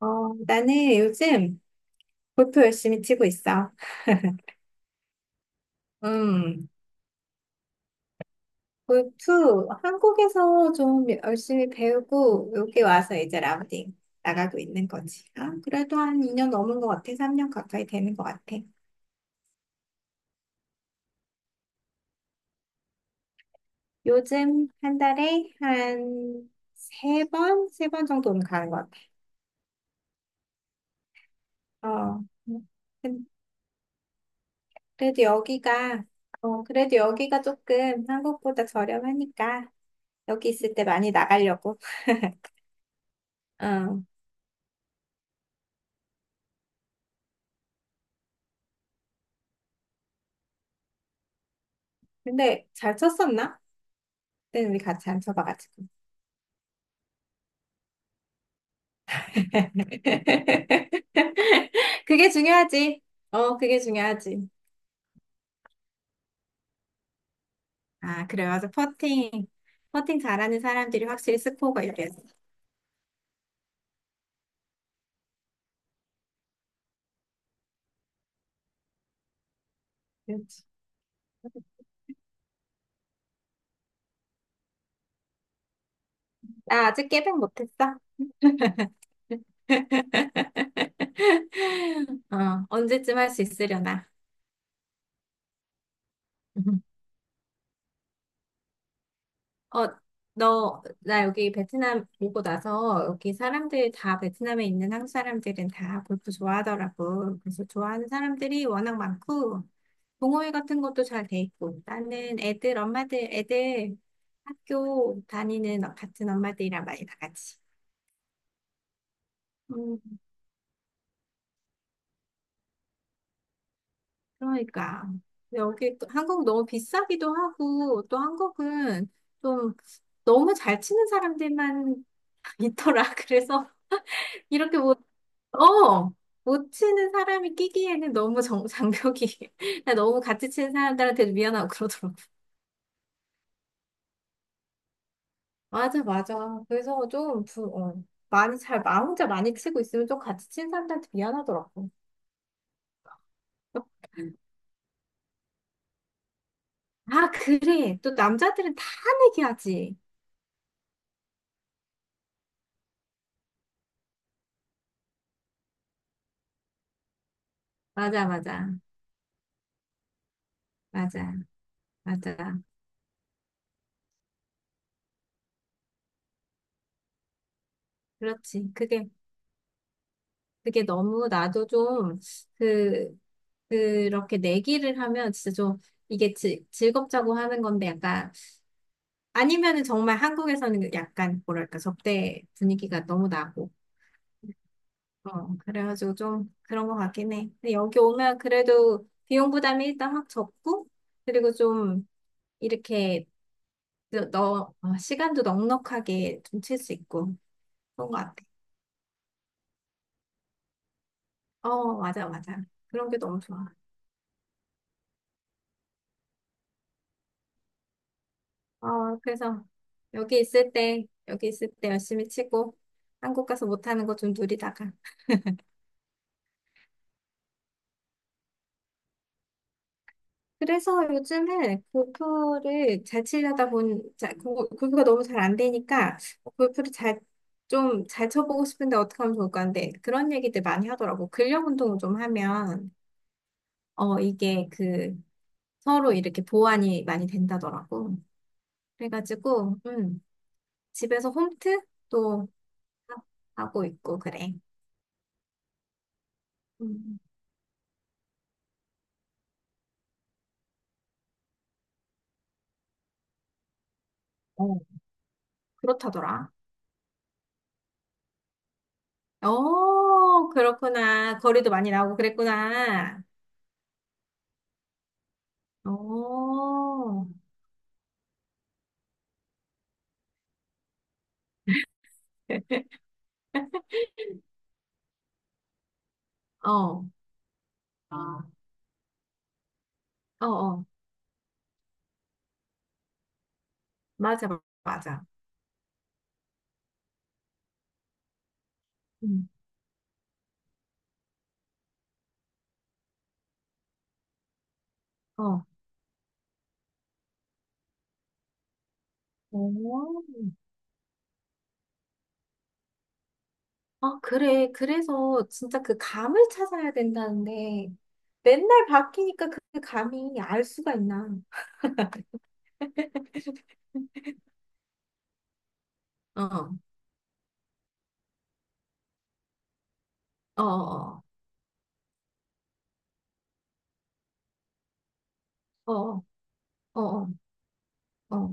어, 나는 요즘 골프 열심히 치고 있어. 음, 골프 한국에서 좀 열심히 배우고 여기 와서 이제 라운딩 나가고 있는 거지. 아, 그래도 한 2년 넘은 것 같아. 3년 가까이 되는 것 같아. 요즘 한 달에 한 세 번 정도는 가는 것 같아. 어, 근- 그래도 여기가 조금 한국보다 저렴하니까 여기 있을 때 많이 나가려고. 어. 근데 잘 쳤었나? 그때는 우리 같이 안 쳐봐가지고. 그게 중요하지. 그게 중요하지. 아, 그래. 맞아. 퍼팅. 퍼팅 잘하는 사람들이 확실히 스코어가 이겠어. 그렇지. 나 아직 깨백 못했어. 어, 언제쯤 할 수 있으려나. 어, 나 여기 베트남 오고 나서 여기 사람들 다 베트남에 있는 한국 사람들은 다 골프 좋아하더라고. 그래서 좋아하는 사람들이 워낙 많고, 동호회 같은 것도 잘 돼 있고, 나는 엄마들, 애들 학교 다니는 같은 엄마들이랑 많이 나가지. 음, 그러니까. 여기 또 한국 너무 비싸기도 하고, 또 한국은 좀 너무 잘 치는 사람들만 있더라. 그래서 이렇게 뭐 어, 못 치는 사람이 끼기에는 너무 장벽이, 나 너무 같이 치는 사람들한테도 미안하고 그러더라고. 맞아, 맞아. 그래서 좀, 부, 어, 많이 잘, 나 혼자 많이 치고 있으면 좀 같이 치는 사람들한테 미안하더라고. 아, 그래. 또 남자들은 다 내기하지. 맞아, 맞아. 맞아, 맞아. 그렇지. 그게 너무 나도 그, 그렇게 내기를 하면 이게 즐겁자고 하는 건데 약간 아니면은 정말 한국에서는 그 약간 뭐랄까 접대 분위기가 너무 나고 그래가지고 좀 그런 것 같긴 해. 근데 여기 오면 그래도 비용 부담이 일단 확 적고 그리고 좀 이렇게 시간도 넉넉하게 좀 칠 수 있고 그런 것 같아. 어, 맞아, 맞아. 그런 게 너무 좋아. 어, 그래서 여기 있을 때 열심히 치고 한국 가서 못하는 거 좀 누리다가 그래서 요즘은 골프를 잘 치려다 골프가 너무 잘 안 되니까 골프를 잘, 좀 잘 쳐보고 싶은데 어떻게 하면 좋을까 하는데 그런 얘기들 많이 하더라고. 근력 운동을 좀 하면, 어, 이게 그 서로 이렇게 보완이 많이 된다더라고. 그래가지고, 집에서 홈트도 하고 있고, 그래. 음, 어, 그렇다더라. 어, 그렇구나. 거리도 많이 나오고 그랬구나. 어. 어, 아, 어, 어. 맞아, 맞아. 음, 어. 오, 아, 그래. 그래서 진짜 그 감을 찾아야 된다는데, 맨날 바뀌니까 그 감이 알 수가 있나. 어, 어, 어, 어, 어, 어, 어,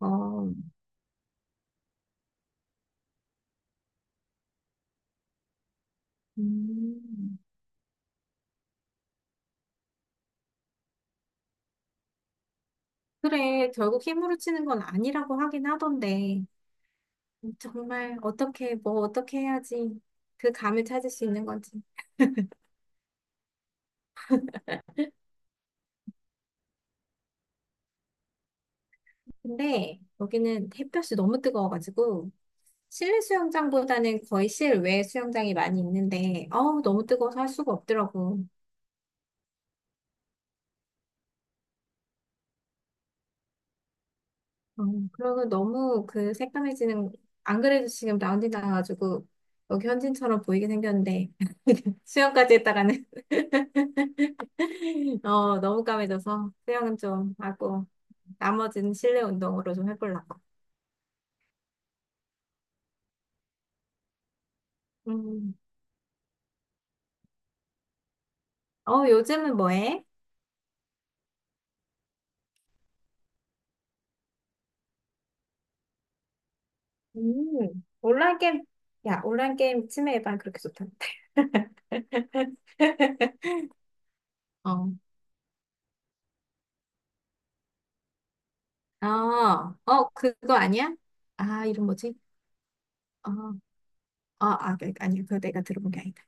어. 음. 그래. 결국 힘으로 치는 건 아니라고 하긴 하던데, 정말 어떻게 해야지 그 감을 찾을 수 있는 건지. 근데 여기는 햇볕이 너무 뜨거워가지고, 실내 수영장보다는 거의 실외 수영장이 많이 있는데, 어우, 너무 뜨거워서 할 수가 없더라고. 어, 그러고 너무 그 새까매지는, 안 그래도 지금 라운지 나와가지고, 여기 현진처럼 보이게 생겼는데, 수영까지 했다가는, 어, 너무 까매져서, 수영은 좀 하고, 나머지는 실내 운동으로 좀 해보려고. 음, 어, 요즘은 뭐 해? 온라인 게임, 야, 온라인 게임 치매 예방 그렇게 좋다. 어. 어, 어, 그거 아니야? 아, 이름 뭐지? 어, 어, 아니, 그거 내가 들어본 게 아니다.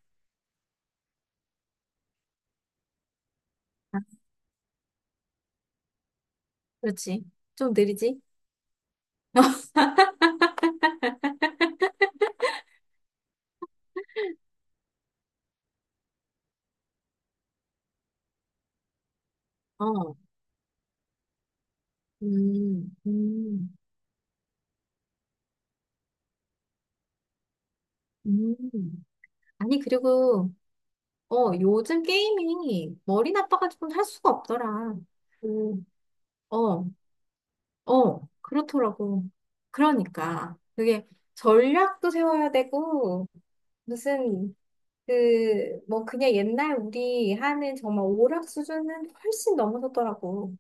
아, 그렇지. 좀 느리지? 어, 음, 음, 음. 아니, 그리고, 어, 요즘 게임이 머리 나빠가지고 할 수가 없더라. 그, 어, 어, 그렇더라고. 그러니까. 그게 전략도 세워야 되고, 무슨 그냥 옛날 우리 하는 정말 오락 수준은 훨씬 넘어섰더라고.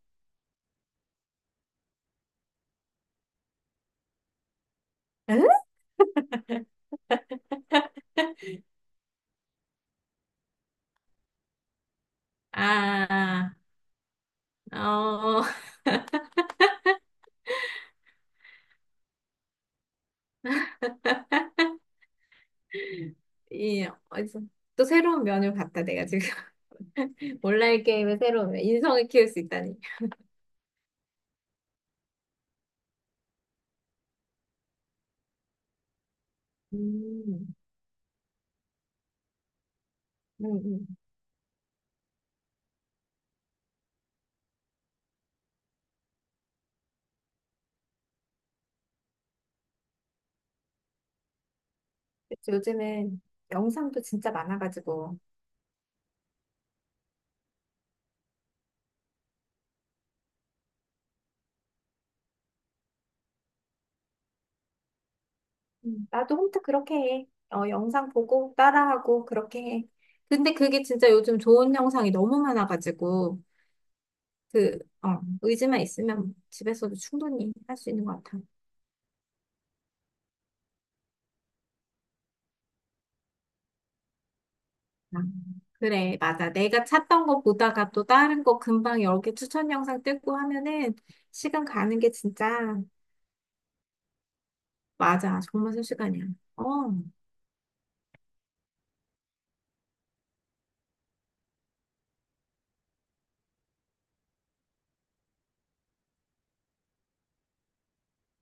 응? 아, 어, 이, 어디서, 또 새로운 면을 봤다, 내가 지금. 온라인 게임의 새로운 면, 인성을 키울 수 있다니. 음, 음, 음. 그치, 요즘은 영상도 진짜 많아가지고. 나도 혼자 그렇게 해. 어, 영상 보고, 따라하고, 그렇게 해. 근데 그게 진짜 요즘 좋은 영상이 너무 많아가지고. 의지만 있으면 집에서도 충분히 할 수 있는 것 같아. 아, 그래, 맞아. 내가 찾던 거 보다가 또 다른 거 금방 여러 개 추천 영상 뜯고 하면은 시간 가는 게 진짜, 맞아. 정말 순식간이야. 어,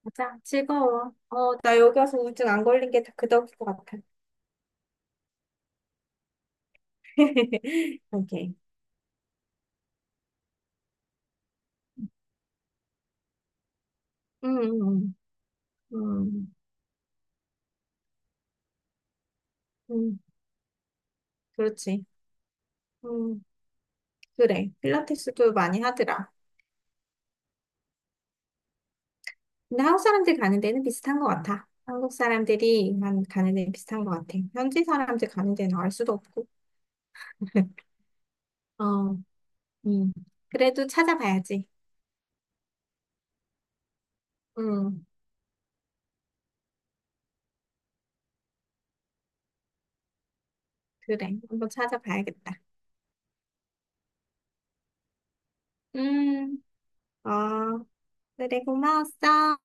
맞아. 즐거워. 어, 나 여기 와서 우울증 안 걸린 게 다 그 덕일 것 같아. 오케이. 음, 음, 음, 음, 그렇지. 음, 그래. 필라테스도 많이 하더라. 근데 한국 사람들이 한 가는 데는 비슷한 것 같아. 현지 사람들 가는 데는 알 수도 없고. 어, 음. 그래도 찾아봐야지. 음, 그래. 한번 찾아봐야겠다. 음, 어, 그래. 고마웠어.